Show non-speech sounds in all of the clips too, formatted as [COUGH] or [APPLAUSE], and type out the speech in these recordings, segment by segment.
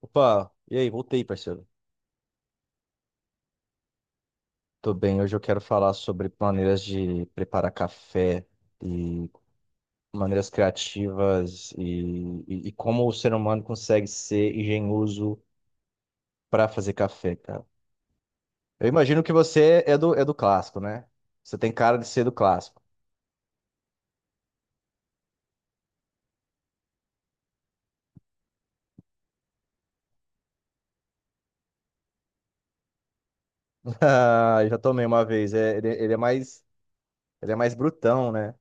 Opa, e aí, voltei, parceiro. Tô bem, hoje eu quero falar sobre maneiras de preparar café e maneiras criativas e como o ser humano consegue ser engenhoso para fazer café, cara. Eu imagino que você é do clássico, né? Você tem cara de ser do clássico. [LAUGHS] Ah, eu já tomei uma vez, é, ele é mais, ele é mais brutão, né?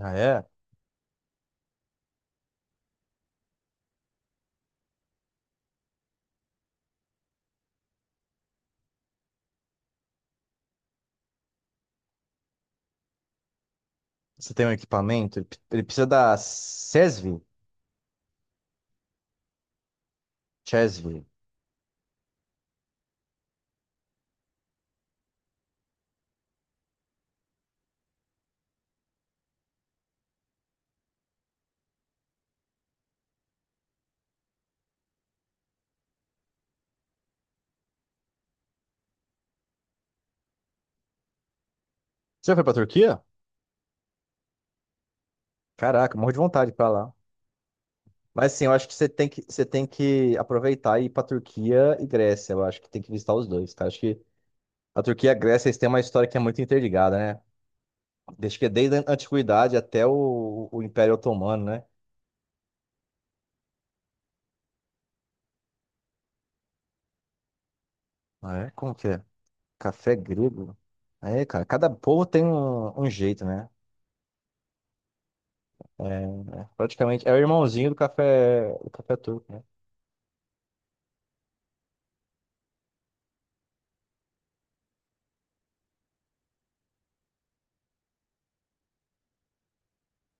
Ah, é? Você tem um equipamento? Ele precisa da CESV? CESV. Você já foi pra Turquia? Caraca, morro de vontade pra lá. Mas sim, eu acho que você tem que aproveitar e ir pra Turquia e Grécia. Eu acho que tem que visitar os dois, cara. Acho que a Turquia e a Grécia, eles têm uma história que é muito interligada, né? Desde a antiguidade até o Império Otomano, né? Ah, é? Como que é? Café grego? É, cara, cada povo tem um jeito, né? É, é, praticamente é o irmãozinho do café turco, né?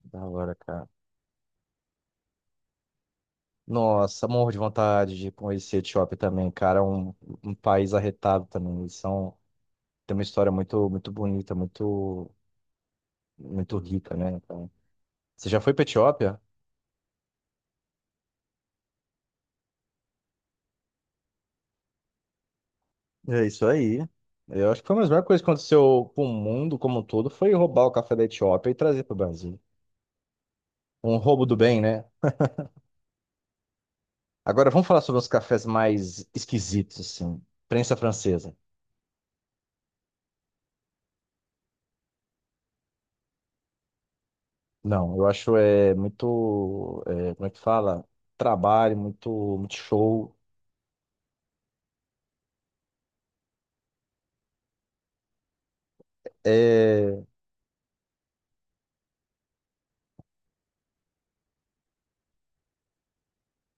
Da hora, cara. Nossa, morro de vontade de conhecer a Etiópia também, cara. É um, um país arretado também. Eles são tem uma história muito, muito bonita, muito, muito rica, né? Então, você já foi pra Etiópia? É isso aí. Eu acho que foi uma das melhores coisas que aconteceu com o mundo como um todo, foi roubar o café da Etiópia e trazer para o Brasil. Um roubo do bem, né? Agora vamos falar sobre os cafés mais esquisitos, assim. Prensa francesa. Não, eu acho é muito, é, como é que fala? Trabalho, muito, muito show. É,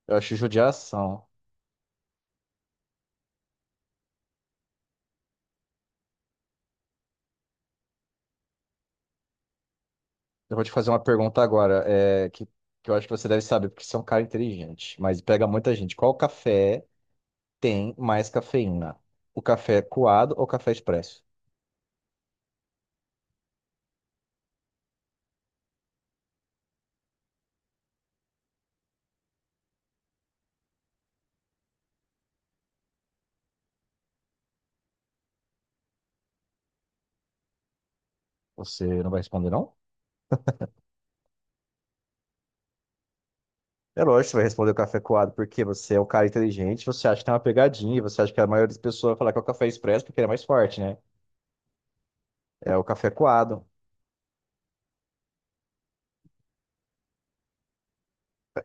eu acho judiação. Eu vou te fazer uma pergunta agora, é, que eu acho que você deve saber, porque você é um cara inteligente, mas pega muita gente. Qual café tem mais cafeína? O café coado ou o café expresso? Você não vai responder, não? É lógico que você vai responder o café coado, porque você é um cara inteligente, você acha que tem uma pegadinha, você acha que a maioria das pessoas vai falar que é o café expresso porque ele é mais forte, né? É o café coado.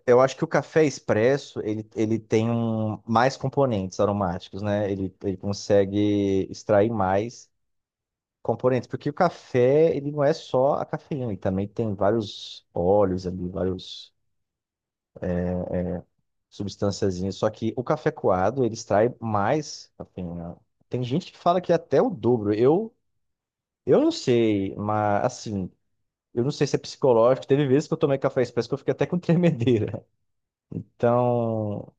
Eu acho que o café expresso, ele mais componentes aromáticos, né? Ele consegue extrair mais componentes, porque o café, ele não é só a cafeína, ele também tem vários óleos ali, vários substânciazinhas, só que o café coado, ele extrai mais cafeína. Tem gente que fala que é até o dobro. Eu não sei, mas assim, eu não sei se é psicológico, teve vezes que eu tomei café expresso que eu fiquei até com tremedeira. Então,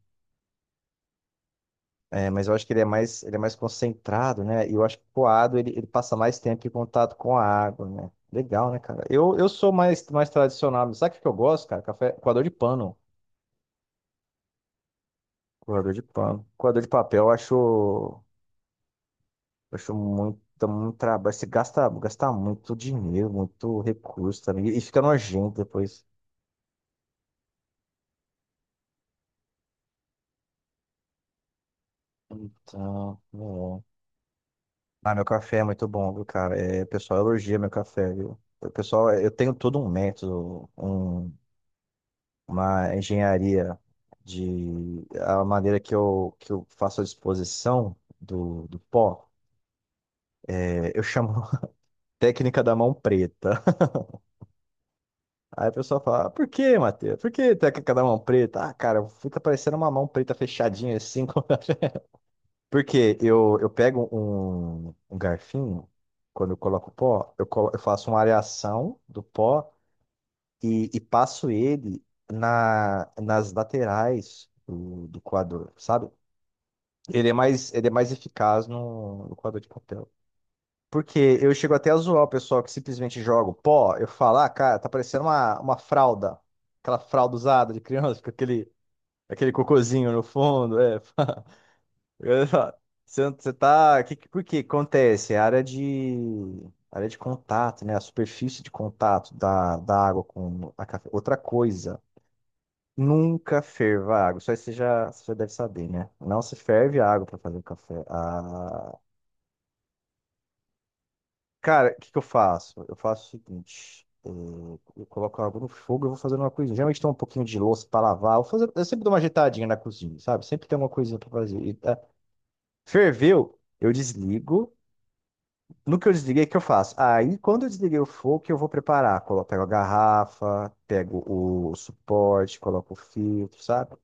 é, mas eu acho que ele é mais concentrado, né? E eu acho que o coado ele passa mais tempo em contato com a água, né? Legal, né, cara? Eu sou mais, mais tradicional. Mas sabe o que que eu gosto, cara? Café, coador de pano. Coador de pano. Coador de papel, eu acho muito, muito trabalho. Você gasta, gasta muito dinheiro, muito recurso também. E fica nojento depois. Então, é. Ah, meu café é muito bom, viu, cara? É, o pessoal elogia meu café, viu? O pessoal, eu tenho todo um método, um uma engenharia de a maneira que eu faço a disposição do pó, é, eu chamo [LAUGHS] técnica da mão preta. [LAUGHS] Aí a pessoa fala, "Ah, por que, Matheus? Por que técnica da mão preta? Ah, cara, fica parecendo uma mão preta fechadinha assim." [LAUGHS] Porque eu pego um, um garfinho, quando eu coloco pó, eu, eu faço uma areação do pó e passo ele na, nas laterais do coador, sabe? Ele é mais eficaz no, no quadro de papel. Porque eu chego até a zoar o pessoal que simplesmente joga o pó. Eu falo, ah, cara, tá parecendo uma fralda. Aquela fralda usada de criança, com aquele, aquele cocôzinho no fundo. É. [LAUGHS] Eu falo, você, você tá. Que, por que acontece? É a área de. Área de contato, né? A superfície de contato da, da água com a café. Outra coisa, nunca ferva a água. Só isso aí você já deve saber, né? Não se ferve a água para fazer o café. A- Cara, o que que eu faço? Eu faço o seguinte: eu coloco a água no fogo e vou fazendo uma coisinha. Geralmente tem um pouquinho de louça pra lavar. Eu, fazer, eu sempre dou uma ajeitadinha na cozinha, sabe? Sempre tem uma coisinha pra fazer. E, ah, ferveu, eu desligo. No que eu desliguei, o que eu faço? Aí, quando eu desliguei o fogo, o que eu vou preparar? Colo- pego a garrafa, pego o suporte, coloco o filtro, sabe?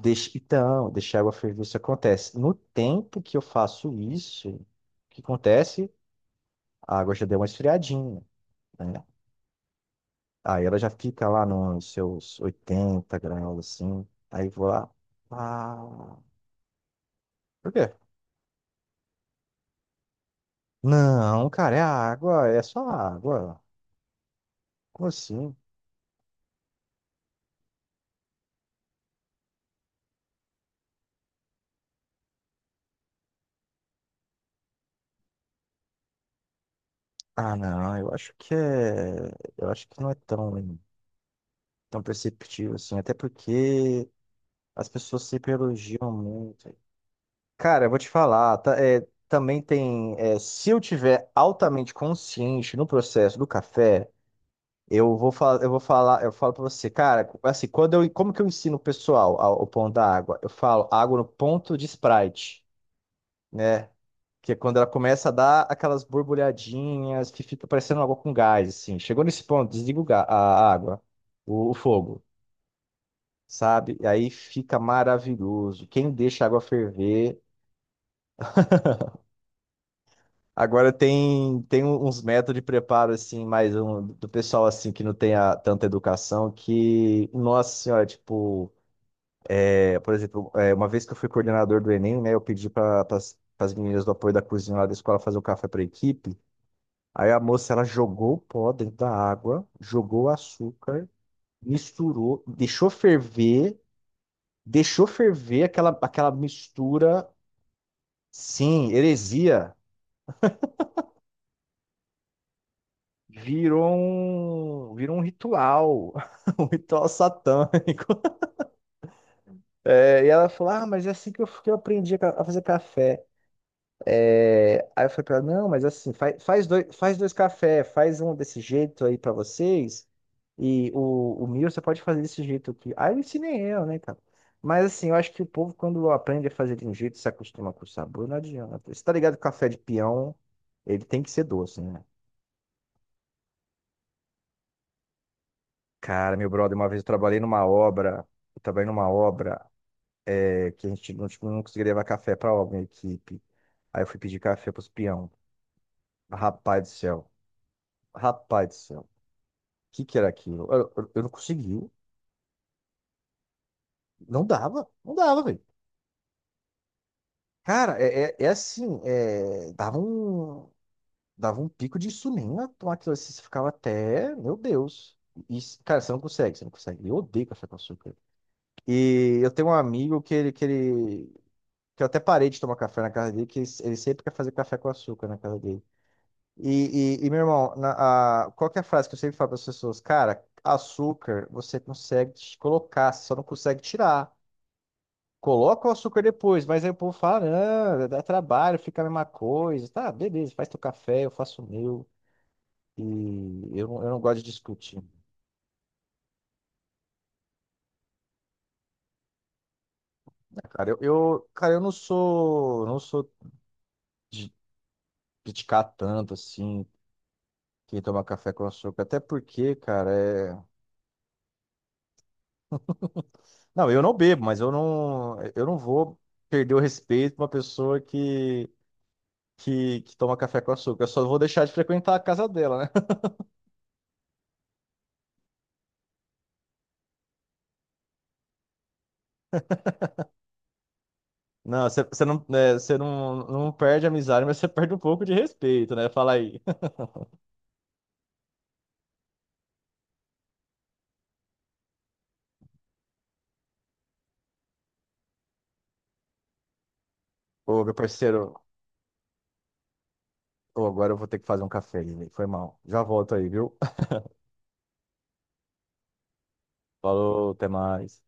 Deixa, então, deixar a água ferver, isso acontece. No tempo que eu faço isso, o que acontece? A água já deu uma esfriadinha, né? Aí ela já fica lá nos seus 80 graus, assim. Aí vou lá. Ah, por quê? Não, cara, é água, é só água. Como assim? Ah, não, eu acho que é. Eu acho que não é tão, tão perceptível assim. Até porque as pessoas sempre elogiam muito. Cara, eu vou te falar, tá- é, também tem. É, se eu tiver altamente consciente no processo do café. Eu vou falar, eu falo para você, cara, assim, quando eu, como que eu ensino o pessoal ao- o pão da água? Eu falo água no ponto de Sprite, né? Que é quando ela começa a dar aquelas borbulhadinhas que fica parecendo água com gás, assim. Chegou nesse ponto, desliga o a água, o fogo, sabe? E aí fica maravilhoso. Quem deixa a água ferver. Agora tem, tem um, uns métodos de preparo, assim, mais um, do pessoal, assim, que não tem tanta educação, que, nossa senhora, tipo. É, por exemplo, é, uma vez que eu fui coordenador do Enem, né, eu pedi para as meninas do apoio da cozinha lá da escola fazer o café para equipe. Aí a moça, ela jogou o pó dentro da água, jogou o açúcar, misturou, deixou ferver aquela, aquela mistura. Sim, heresia. Virou um ritual, [LAUGHS] um ritual satânico. É, e ela falou: "Ah, mas é assim que eu aprendi a a fazer café." É, aí eu falei pra ela, não, mas assim, faz, faz dois café, faz um desse jeito aí pra vocês, e o mil você pode fazer desse jeito aqui. Aí eu ensinei eu, né, cara? Mas assim, eu acho que o povo, quando aprende a fazer de um jeito, se acostuma com o sabor, não adianta. Você tá ligado que o café de peão, ele tem que ser doce, né? Cara, meu brother, uma vez eu trabalhei numa obra, eu trabalhei numa obra é, que a gente não, tipo, não conseguia levar café pra obra, minha equipe. Aí eu fui pedir café pros peão. Rapaz do céu, rapaz do céu. Que era aquilo? Eu, eu não consegui. Não dava, não dava, velho. Cara, é, é, é assim, é, dava um pico de insulina tomar aquilo assim, você ficava até, meu Deus. Isso cara, você não consegue, você não consegue. Eu odeio café com açúcar. E eu tenho um amigo que ele, que eu até parei de tomar café na casa dele, que ele sempre quer fazer café com açúcar na casa dele. Meu irmão, na, a, qual que é a frase que eu sempre falo para as pessoas? Cara, açúcar você consegue colocar, você só não consegue tirar. Coloca o açúcar depois, mas aí o povo fala, ah, dá trabalho, fica a mesma coisa. Tá, beleza, faz teu café, eu faço o meu. E eu não gosto de discutir. Né, cara, cara, eu não sou de criticar tanto assim quem toma café com açúcar. Até porque, cara, é. Não, eu não bebo, mas eu não vou perder o respeito pra uma pessoa que toma café com açúcar. Eu só vou deixar de frequentar a casa dela, né? Não, você não, é, você não, não perde a amizade, mas você perde um pouco de respeito, né? Fala aí. [LAUGHS] Ô, meu parceiro, ô, agora eu vou ter que fazer um café, né? Foi mal. Já volto aí, viu? [LAUGHS] Falou, até mais.